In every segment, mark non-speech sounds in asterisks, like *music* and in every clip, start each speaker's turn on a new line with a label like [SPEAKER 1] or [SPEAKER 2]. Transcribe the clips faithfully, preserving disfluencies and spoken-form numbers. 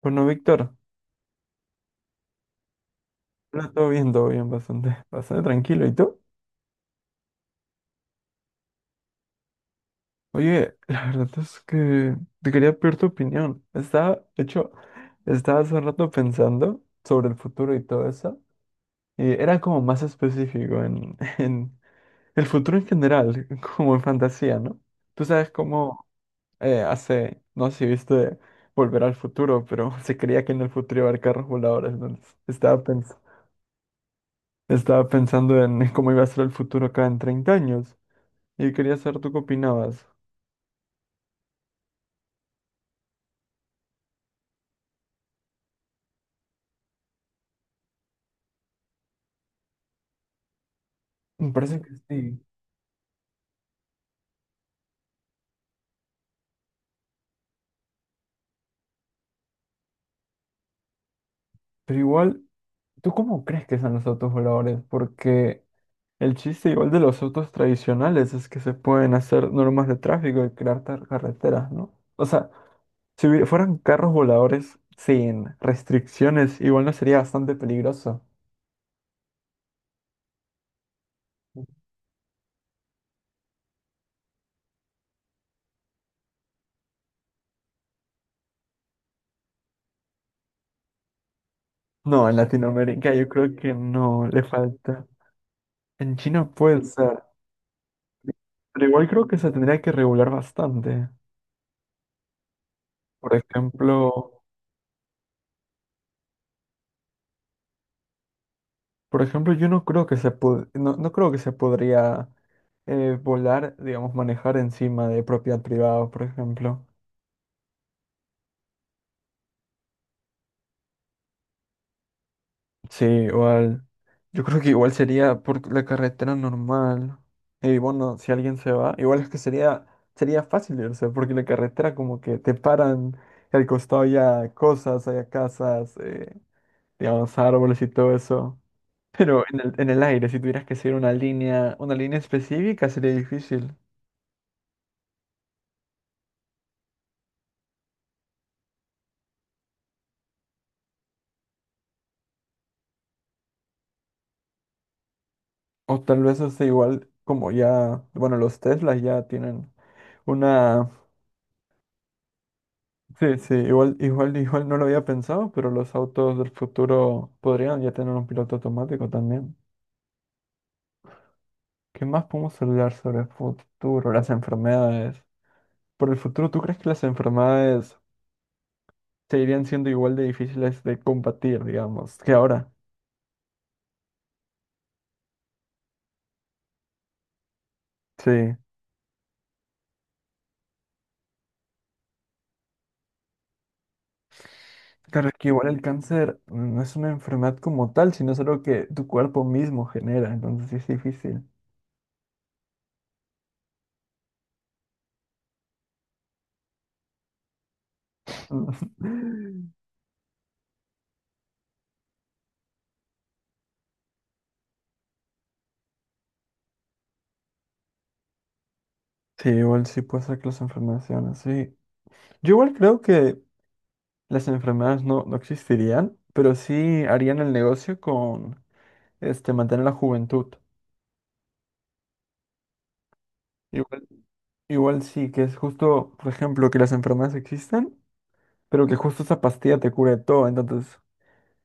[SPEAKER 1] Bueno, Víctor, hola, todo bien, todo bien, bastante, *laughs* bastante tranquilo. ¿Y tú? Oye, la verdad es que te quería pedir tu opinión. Estaba, de hecho, estaba hace rato pensando sobre el futuro y todo eso. Y era como más específico en, *laughs* en el futuro en general, como en fantasía, ¿no? Tú sabes cómo eh, hace, no sé si viste Volver al futuro, pero *laughs* se creía que en el futuro iba a haber carros voladores. Entonces, estaba, pens- estaba pensando en cómo iba a ser el futuro acá en treinta años. Y quería saber tú qué opinabas. Me parece que sí. Pero igual, ¿tú cómo crees que sean los autos voladores? Porque el chiste igual de los autos tradicionales es que se pueden hacer normas de tráfico y crear tar- carreteras, ¿no? O sea, si hubi- fueran carros voladores sin restricciones, igual no sería bastante peligroso. No, en Latinoamérica yo creo que no le falta. En China puede ser, pero igual creo que se tendría que regular bastante. Por ejemplo, Por ejemplo, yo no creo que se pod- no, no creo que se podría eh, volar, digamos, manejar encima de propiedad privada, por ejemplo. Sí, igual. Yo creo que igual sería por la carretera normal. Y bueno, si alguien se va, igual es que sería, sería fácil irse, porque la carretera como que te paran y al costado ya cosas, hay casas, eh, digamos, árboles y todo eso. Pero en el, en el aire, si tuvieras que seguir una línea, una línea específica, sería difícil. O tal vez hace igual como ya, bueno, los Teslas ya tienen una... Sí, sí, igual, igual, igual no lo había pensado, pero los autos del futuro podrían ya tener un piloto automático también. ¿Qué más podemos hablar sobre el futuro? Las enfermedades. Por el futuro, ¿tú crees que las enfermedades seguirían siendo igual de difíciles de combatir, digamos, que ahora? Sí. Claro, es que igual el cáncer no es una enfermedad como tal, sino es algo que tu cuerpo mismo genera, entonces sí es difícil. *laughs* Sí, igual sí puede ser que las enfermedades sean así. Yo igual creo que las enfermedades no, no existirían, pero sí harían el negocio con este mantener la juventud. Igual, Igual sí, que es justo, por ejemplo, que las enfermedades existen, pero que justo esa pastilla te cure todo. Entonces,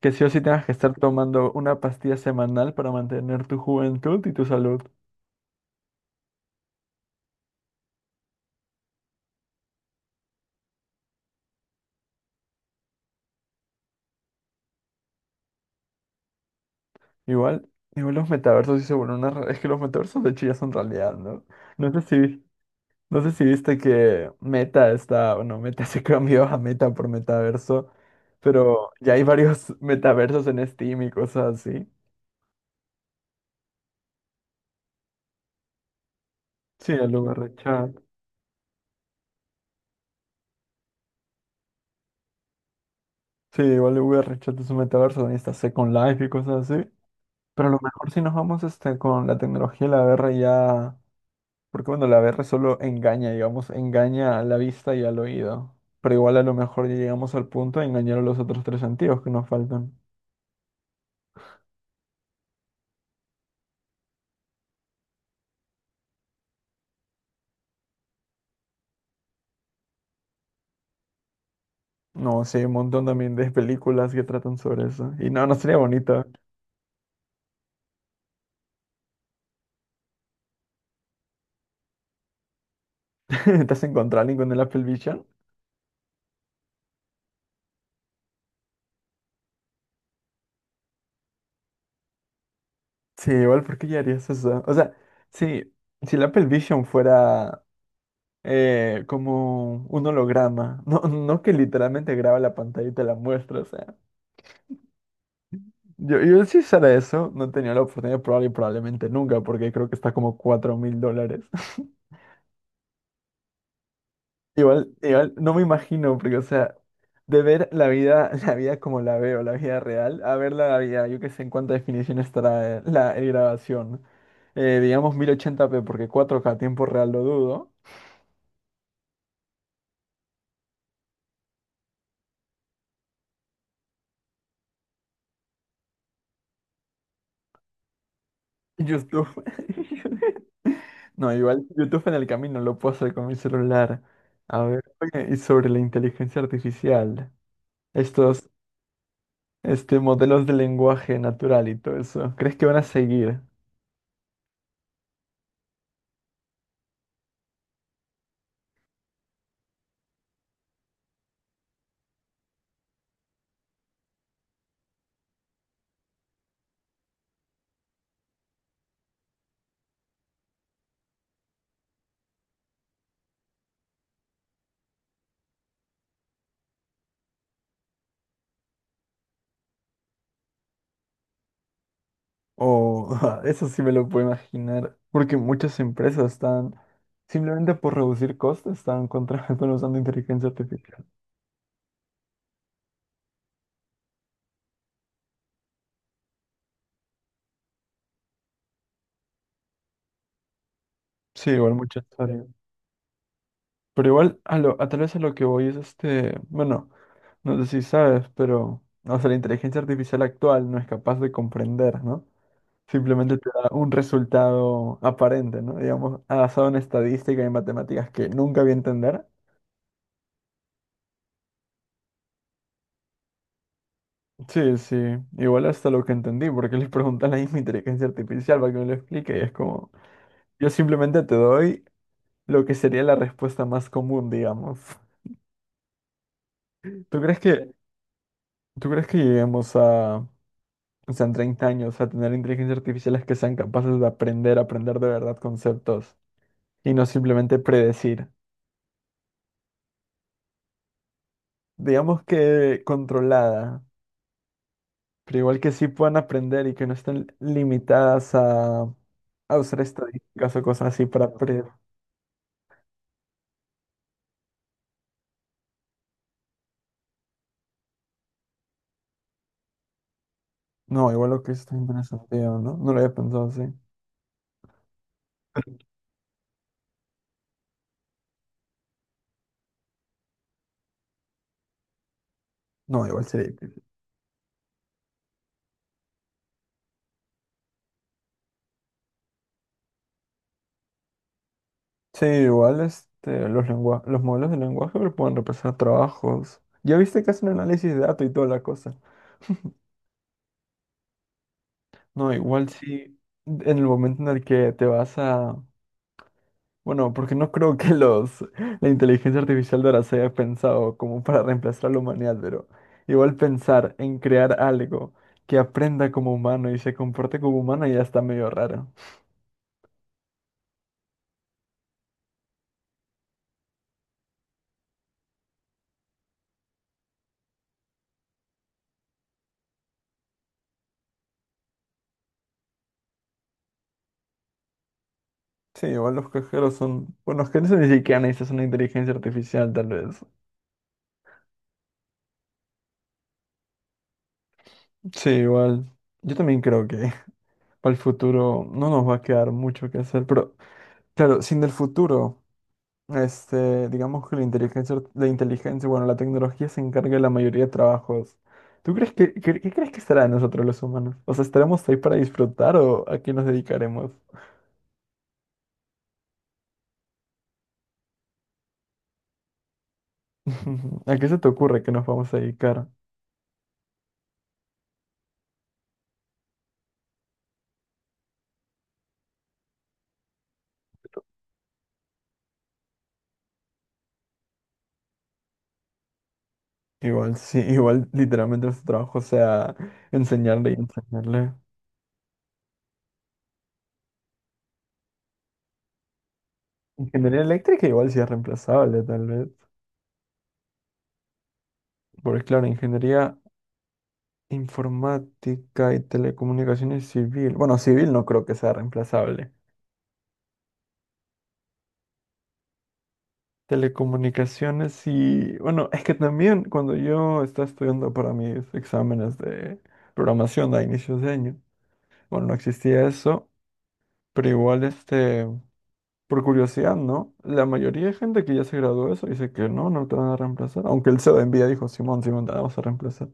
[SPEAKER 1] que sí o sí tengas que estar tomando una pastilla semanal para mantener tu juventud y tu salud. Igual, Igual los metaversos sí se vuelven una... re- Es que los metaversos de hecho ya son realidad, ¿no? No sé si... No sé si viste que Meta está, bueno, Meta *laughs* se cambió a Meta por Metaverso, pero ya hay varios *laughs* metaversos en Steam y cosas así. Sí, el V R chat Sí, igual el V R chat es un metaverso, también está Second Life y cosas así. Pero a lo mejor si nos vamos este, con la tecnología y la V R ya... Porque bueno, la V R solo engaña, digamos, engaña a la vista y al oído. Pero igual a lo mejor ya llegamos al punto de engañar a los otros tres sentidos que nos faltan. No, sí, hay un montón también de películas que tratan sobre eso. Y no, no sería bonito. *laughs* ¿Te has encontrado a alguien con el Apple Vision? Sí, igual, ¿por qué ya harías eso? O sea, sí, si el Apple Vision fuera eh, como un holograma, no, no que literalmente graba la pantalla y te la muestra, o sea. Yo, yo si usara eso, no tenía la oportunidad, probable, probablemente nunca, porque creo que está como cuatro mil dólares. Igual, igual, no me imagino, porque, o sea, de ver la vida, *laughs* la vida como la veo, la vida real, a ver la vida, yo qué sé en cuánta definición estará eh, la el grabación. Eh, digamos mil ochenta p porque cuatro k tiempo real lo dudo. YouTube. *laughs* No, igual YouTube en el camino lo puedo hacer con mi celular. A ver, oye, y sobre la inteligencia artificial, estos, este, modelos de lenguaje natural y todo eso, ¿crees que van a seguir? O *laughs* eso sí me lo puedo imaginar, porque muchas empresas están, simplemente por reducir costes, están contratando *laughs* usando inteligencia artificial. Sí, igual muchas áreas. Pero igual, a lo, a tal vez a lo que voy es este, bueno, no sé si sabes, pero, o sea, la inteligencia artificial actual no es capaz de comprender, ¿no? Simplemente te da un resultado aparente, ¿no? Digamos, basado en estadística y en matemáticas que nunca voy a entender, sí, sí, igual hasta lo que entendí, porque les preguntan la misma inteligencia artificial para que me lo explique y es como, yo simplemente te doy lo que sería la respuesta más común, digamos. ¿Tú crees que, Tú crees que lleguemos a, o sea, en treinta años a tener inteligencias artificiales que sean capaces de aprender, aprender de verdad conceptos y no simplemente predecir? Digamos que controlada, pero igual que sí puedan aprender y que no estén limitadas a, a usar estadísticas o cosas así para predecir. No, igual lo que es está interesante, ¿no? No lo había pensado así. No, igual sería difícil. Sí, igual este, los lengua- los modelos de lenguaje pero pueden reemplazar trabajos. Ya viste que hacen análisis de datos y toda la cosa. No, igual sí, en el momento en el que te vas a... Bueno, porque no creo que los *laughs* la inteligencia artificial de ahora se haya pensado como para reemplazar a la humanidad, pero igual pensar en crear algo que aprenda como humano y se comporte como humano ya está medio raro. Sí, igual los cajeros son... Bueno, los cajeros ni siquiera necesitan una inteligencia artificial, tal vez. Sí, igual. Yo también creo que *laughs* para el futuro no nos va a quedar mucho que hacer, pero claro, sin el futuro, este, digamos que la inteligencia, art- la inteligencia, bueno, la tecnología se encarga de la mayoría de trabajos. ¿Tú crees que, qué, qué crees que estará de nosotros los humanos? O sea, ¿estaremos ahí para disfrutar o a qué nos dedicaremos? *laughs* ¿A qué se te ocurre que nos vamos a dedicar? Igual, sí, igual literalmente su trabajo, o sea, enseñarle y enseñarle. Ingeniería eléctrica igual sí es reemplazable, tal vez. Porque claro, ingeniería informática y telecomunicaciones civil. Bueno, civil no creo que sea reemplazable. Telecomunicaciones y... Bueno, es que también cuando yo estaba estudiando para mis exámenes de programación a inicios de año, bueno, no existía eso, pero igual este... Por curiosidad, ¿no? La mayoría de gente que ya se graduó de eso dice que no, no te van a reemplazar. Aunque el C E O de Nvidia dijo, Simón, Simón, te vamos a reemplazar.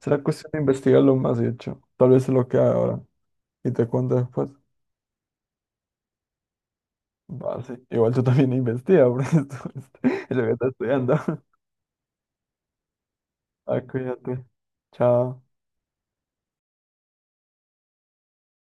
[SPEAKER 1] Será cuestión de investigarlo más, de hecho. Tal vez es lo que haga ahora. Y te cuento después. Va, sí. Igual tú también investiga, *laughs* porque esto es lo que estás estudiando. *laughs* Ah, cuídate. Chao.